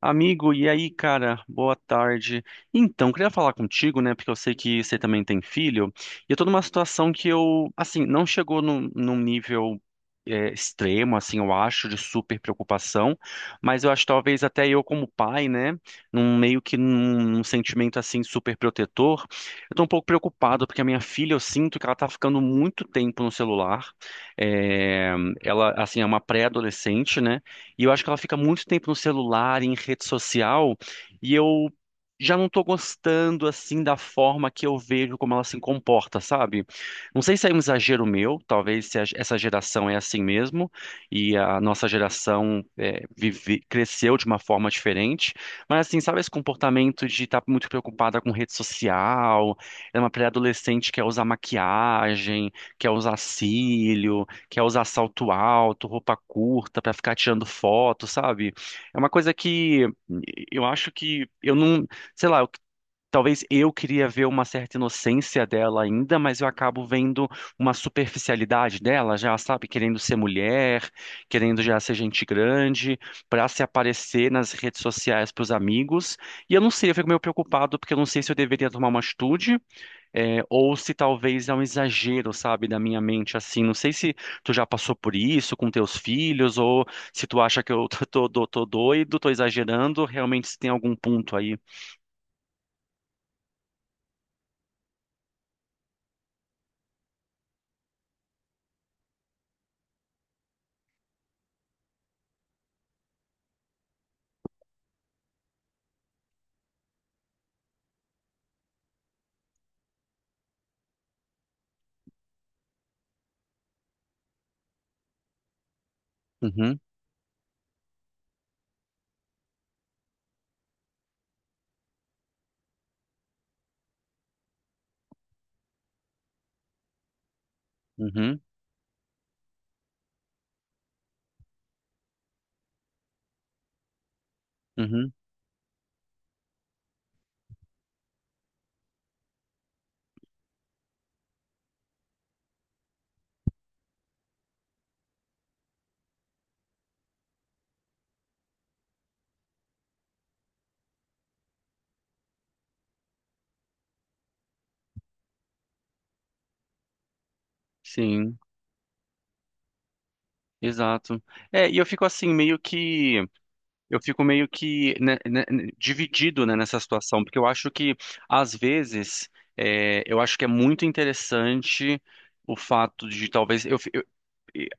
Amigo, e aí, cara? Boa tarde. Então, queria falar contigo, né? Porque eu sei que você também tem filho. E eu tô numa situação que eu, assim, não chegou num nível extremo, assim, eu acho, de super preocupação. Mas eu acho talvez até eu, como pai, né? Num meio que num sentimento, assim, super protetor. Eu tô um pouco preocupado porque a minha filha, eu sinto que ela tá ficando muito tempo no celular. É, Ela, assim, é uma pré-adolescente, né? E eu acho que ela fica muito tempo no celular, em rede social, e eu já não tô gostando assim da forma que eu vejo como ela se comporta, sabe? Não sei se é um exagero meu, talvez se essa geração é assim mesmo, e a nossa geração cresceu de uma forma diferente, mas assim, sabe esse comportamento de estar muito preocupada com rede social, é uma pré-adolescente que quer usar maquiagem, quer usar cílio que é usar salto alto, roupa curta pra ficar tirando foto, sabe? É uma coisa que eu acho que eu não, sei lá, talvez eu queria ver uma certa inocência dela ainda, mas eu acabo vendo uma superficialidade dela, já sabe, querendo ser mulher, querendo já ser gente grande, pra se aparecer nas redes sociais pros amigos. E eu não sei, eu fico meio preocupado porque eu não sei se eu deveria tomar uma atitude, ou se talvez é um exagero, sabe, da minha mente assim. Não sei se tu já passou por isso com teus filhos, ou se tu acha que eu tô doido, tô exagerando, realmente se tem algum ponto aí. Uhum, uhum, uhum, sim. Exato. E eu fico assim, meio que, eu fico meio que né, dividido, né, nessa situação, porque eu acho que, às vezes, eu acho que é muito interessante o fato de talvez, eu,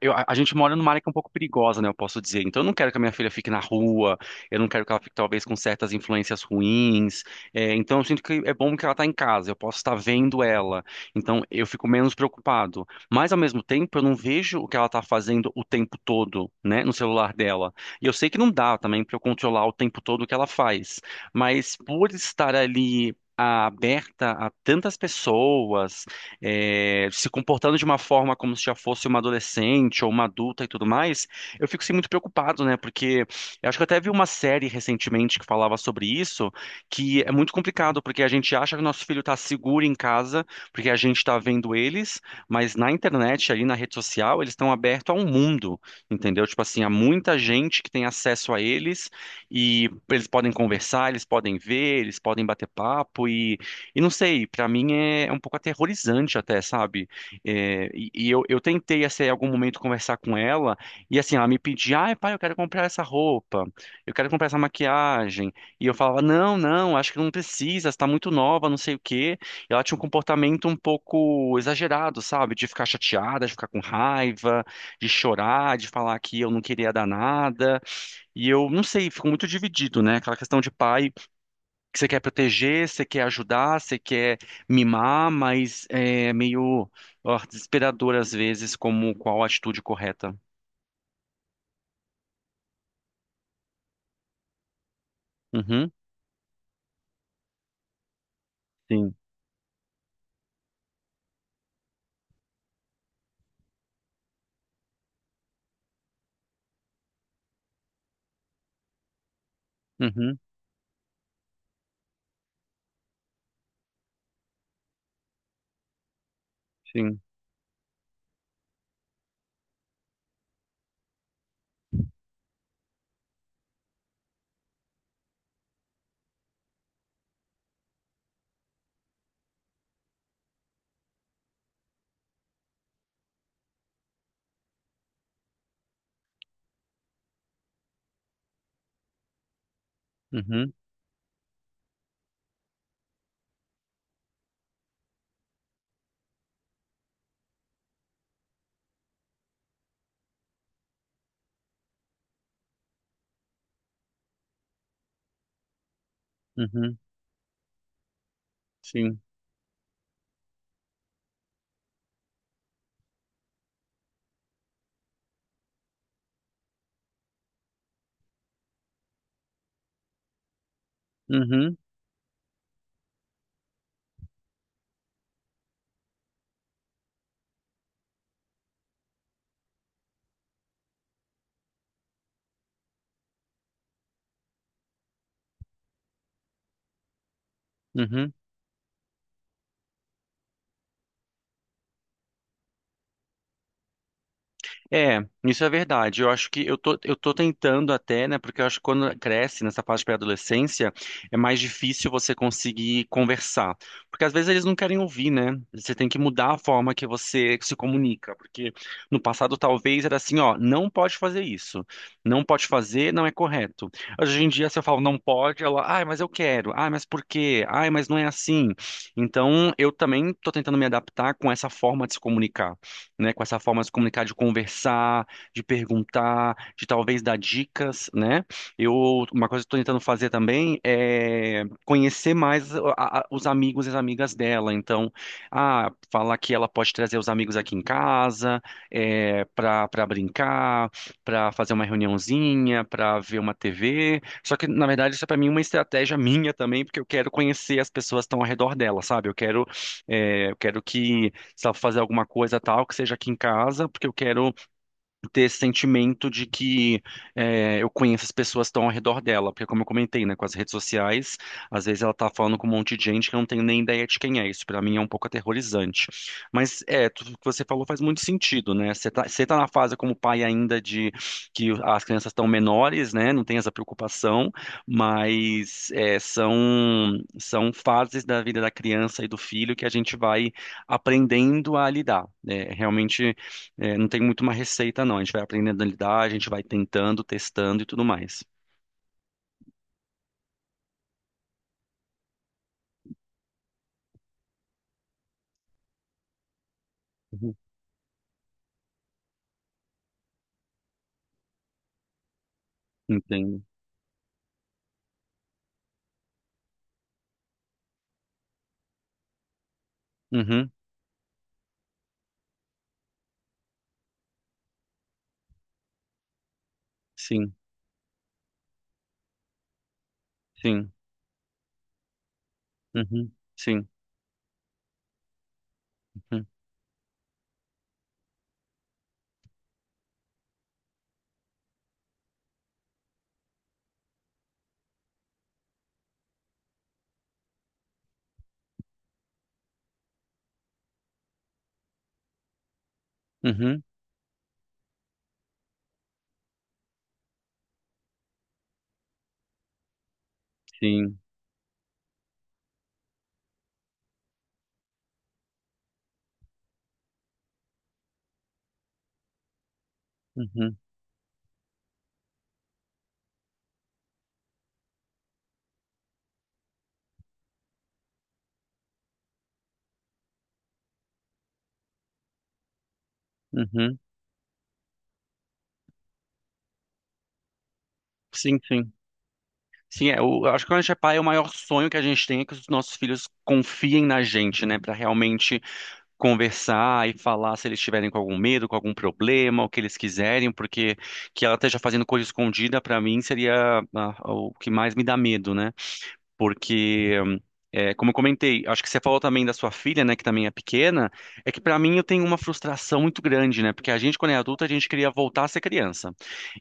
eu- a gente mora numa área que é um pouco perigosa, né? Eu posso dizer. Então, eu não quero que a minha filha fique na rua, eu não quero que ela fique, talvez, com certas influências ruins. Então, eu sinto que é bom que ela está em casa, eu posso estar vendo ela. Então, eu fico menos preocupado. Mas, ao mesmo tempo, eu não vejo o que ela está fazendo o tempo todo, né? No celular dela. E eu sei que não dá também para eu controlar o tempo todo o que ela faz. Mas, por estar ali, aberta a tantas pessoas, se comportando de uma forma como se já fosse uma adolescente ou uma adulta e tudo mais, eu fico assim, muito preocupado, né? Porque eu acho que eu até vi uma série recentemente que falava sobre isso, que é muito complicado, porque a gente acha que o nosso filho está seguro em casa, porque a gente está vendo eles, mas na internet, ali na rede social, eles estão abertos a um mundo, entendeu? Tipo assim, há muita gente que tem acesso a eles e eles podem conversar, eles podem ver, eles podem bater papo e não sei, pra mim é um pouco aterrorizante até, sabe? E eu tentei, assim, em algum momento conversar com ela, e assim, ela me pedia, ai, pai, eu quero comprar essa roupa, eu quero comprar essa maquiagem. E eu falava, não, não, acho que não precisa, está muito nova, não sei o quê. E ela tinha um comportamento um pouco exagerado, sabe? De ficar chateada, de ficar com raiva, de chorar, de falar que eu não queria dar nada. E eu, não sei, fico muito dividido, né? Aquela questão de pai que você quer proteger, você quer ajudar, você quer mimar, mas é meio ó, desesperador às vezes como qual a atitude correta. Uhum, sim, uhum, sim, uhum, uhum, sim, uhum, uhum. É, isso é verdade. Eu acho que eu tô tentando até, né? Porque eu acho que quando cresce nessa fase de pré-adolescência, é mais difícil você conseguir conversar. Porque às vezes eles não querem ouvir, né? Você tem que mudar a forma que você se comunica. Porque no passado talvez era assim, ó, não pode fazer isso. Não pode fazer, não é correto. Hoje em dia, se eu falo não pode, ela, ai, mas eu quero. Ai, mas por quê? Ai, mas não é assim. Então, eu também tô tentando me adaptar com essa forma de se comunicar né, com essa forma de se comunicar, de conversar, de perguntar, de talvez dar dicas, né? Eu, uma coisa que estou tentando fazer também é conhecer mais os amigos e as amigas dela. Então, ah, falar que ela pode trazer os amigos aqui em casa, para brincar, para fazer uma reuniãozinha, para ver uma TV. Só que, na verdade, isso é para mim uma estratégia minha também, porque eu quero conhecer as pessoas que estão ao redor dela, sabe? Eu quero que se ela for fazer alguma coisa tal, que seja aqui em casa, porque eu quero ter esse sentimento de que eu conheço as pessoas que estão ao redor dela, porque como eu comentei, né, com as redes sociais, às vezes ela tá falando com um monte de gente que eu não tenho nem ideia de quem é, isso pra mim é um pouco aterrorizante. Mas tudo que você falou faz muito sentido, né? Você tá na fase como pai ainda de que as crianças estão menores, né, não tem essa preocupação, mas são fases da vida da criança e do filho que a gente vai aprendendo a lidar, né? Realmente não tem muito uma receita, não. A gente vai aprendendo a lidar, a gente vai tentando, testando e tudo mais. Uhum. Entendo. Uhum, sim, sim, uhum, sim, uhum, uhum, sim, uhum, uhum, sim, sim. Sim, eu acho que quando a gente é pai, o maior sonho que a gente tem é que os nossos filhos confiem na gente, né, pra realmente conversar e falar se eles estiverem com algum medo, com algum problema, o que eles quiserem, porque que ela esteja fazendo coisa escondida pra mim seria ah, o que mais me dá medo, né? Porque como eu comentei, acho que você falou também da sua filha, né, que também é pequena, é que para mim eu tenho uma frustração muito grande, né, porque a gente quando é adulta a gente queria voltar a ser criança,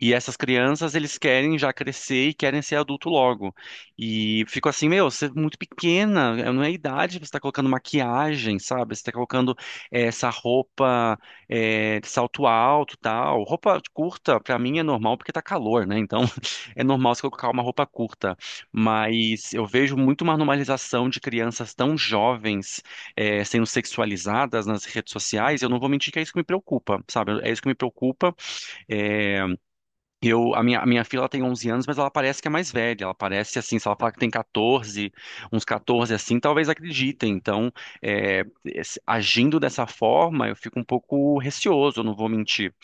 e essas crianças eles querem já crescer e querem ser adulto logo, e fico assim, meu, você é muito pequena, não é a idade, você tá colocando maquiagem, sabe, você está colocando essa roupa de salto alto, tal, roupa curta para mim é normal porque tá calor, né, então é normal você colocar uma roupa curta, mas eu vejo muito uma normalização de crianças tão jovens sendo sexualizadas nas redes sociais. Eu não vou mentir que é isso que me preocupa, sabe? É isso que me preocupa. Eh, eu, a minha filha ela tem 11 anos, mas ela parece que é mais velha. Ela parece assim, se ela falar que tem 14, uns 14 assim, talvez acreditem. Então, agindo dessa forma, eu fico um pouco receoso, eu não vou mentir.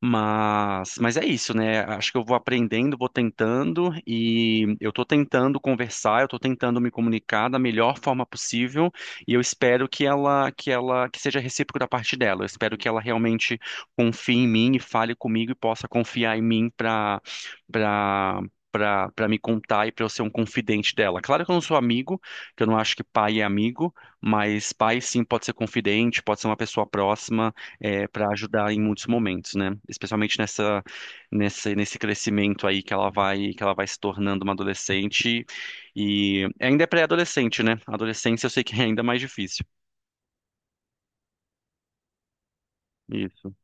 Mas é isso, né? Acho que eu vou aprendendo, vou tentando e eu tô tentando conversar, eu tô tentando me comunicar da melhor forma possível e eu espero que seja recíproco da parte dela. Eu espero que ela realmente confie em mim e fale comigo e possa confiar em mim para para me contar e para eu ser um confidente dela. Claro que eu não sou amigo, que eu não acho que pai é amigo, mas pai sim pode ser confidente, pode ser uma pessoa próxima para ajudar em muitos momentos, né? Especialmente nesse crescimento aí que ela vai se tornando uma adolescente e ainda é pré-adolescente, né? Adolescência eu sei que é ainda mais difícil. Isso.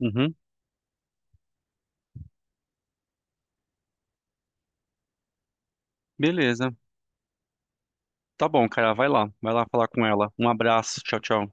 Uhum. Beleza. Tá bom, cara, vai lá falar com ela. Um abraço, tchau, tchau.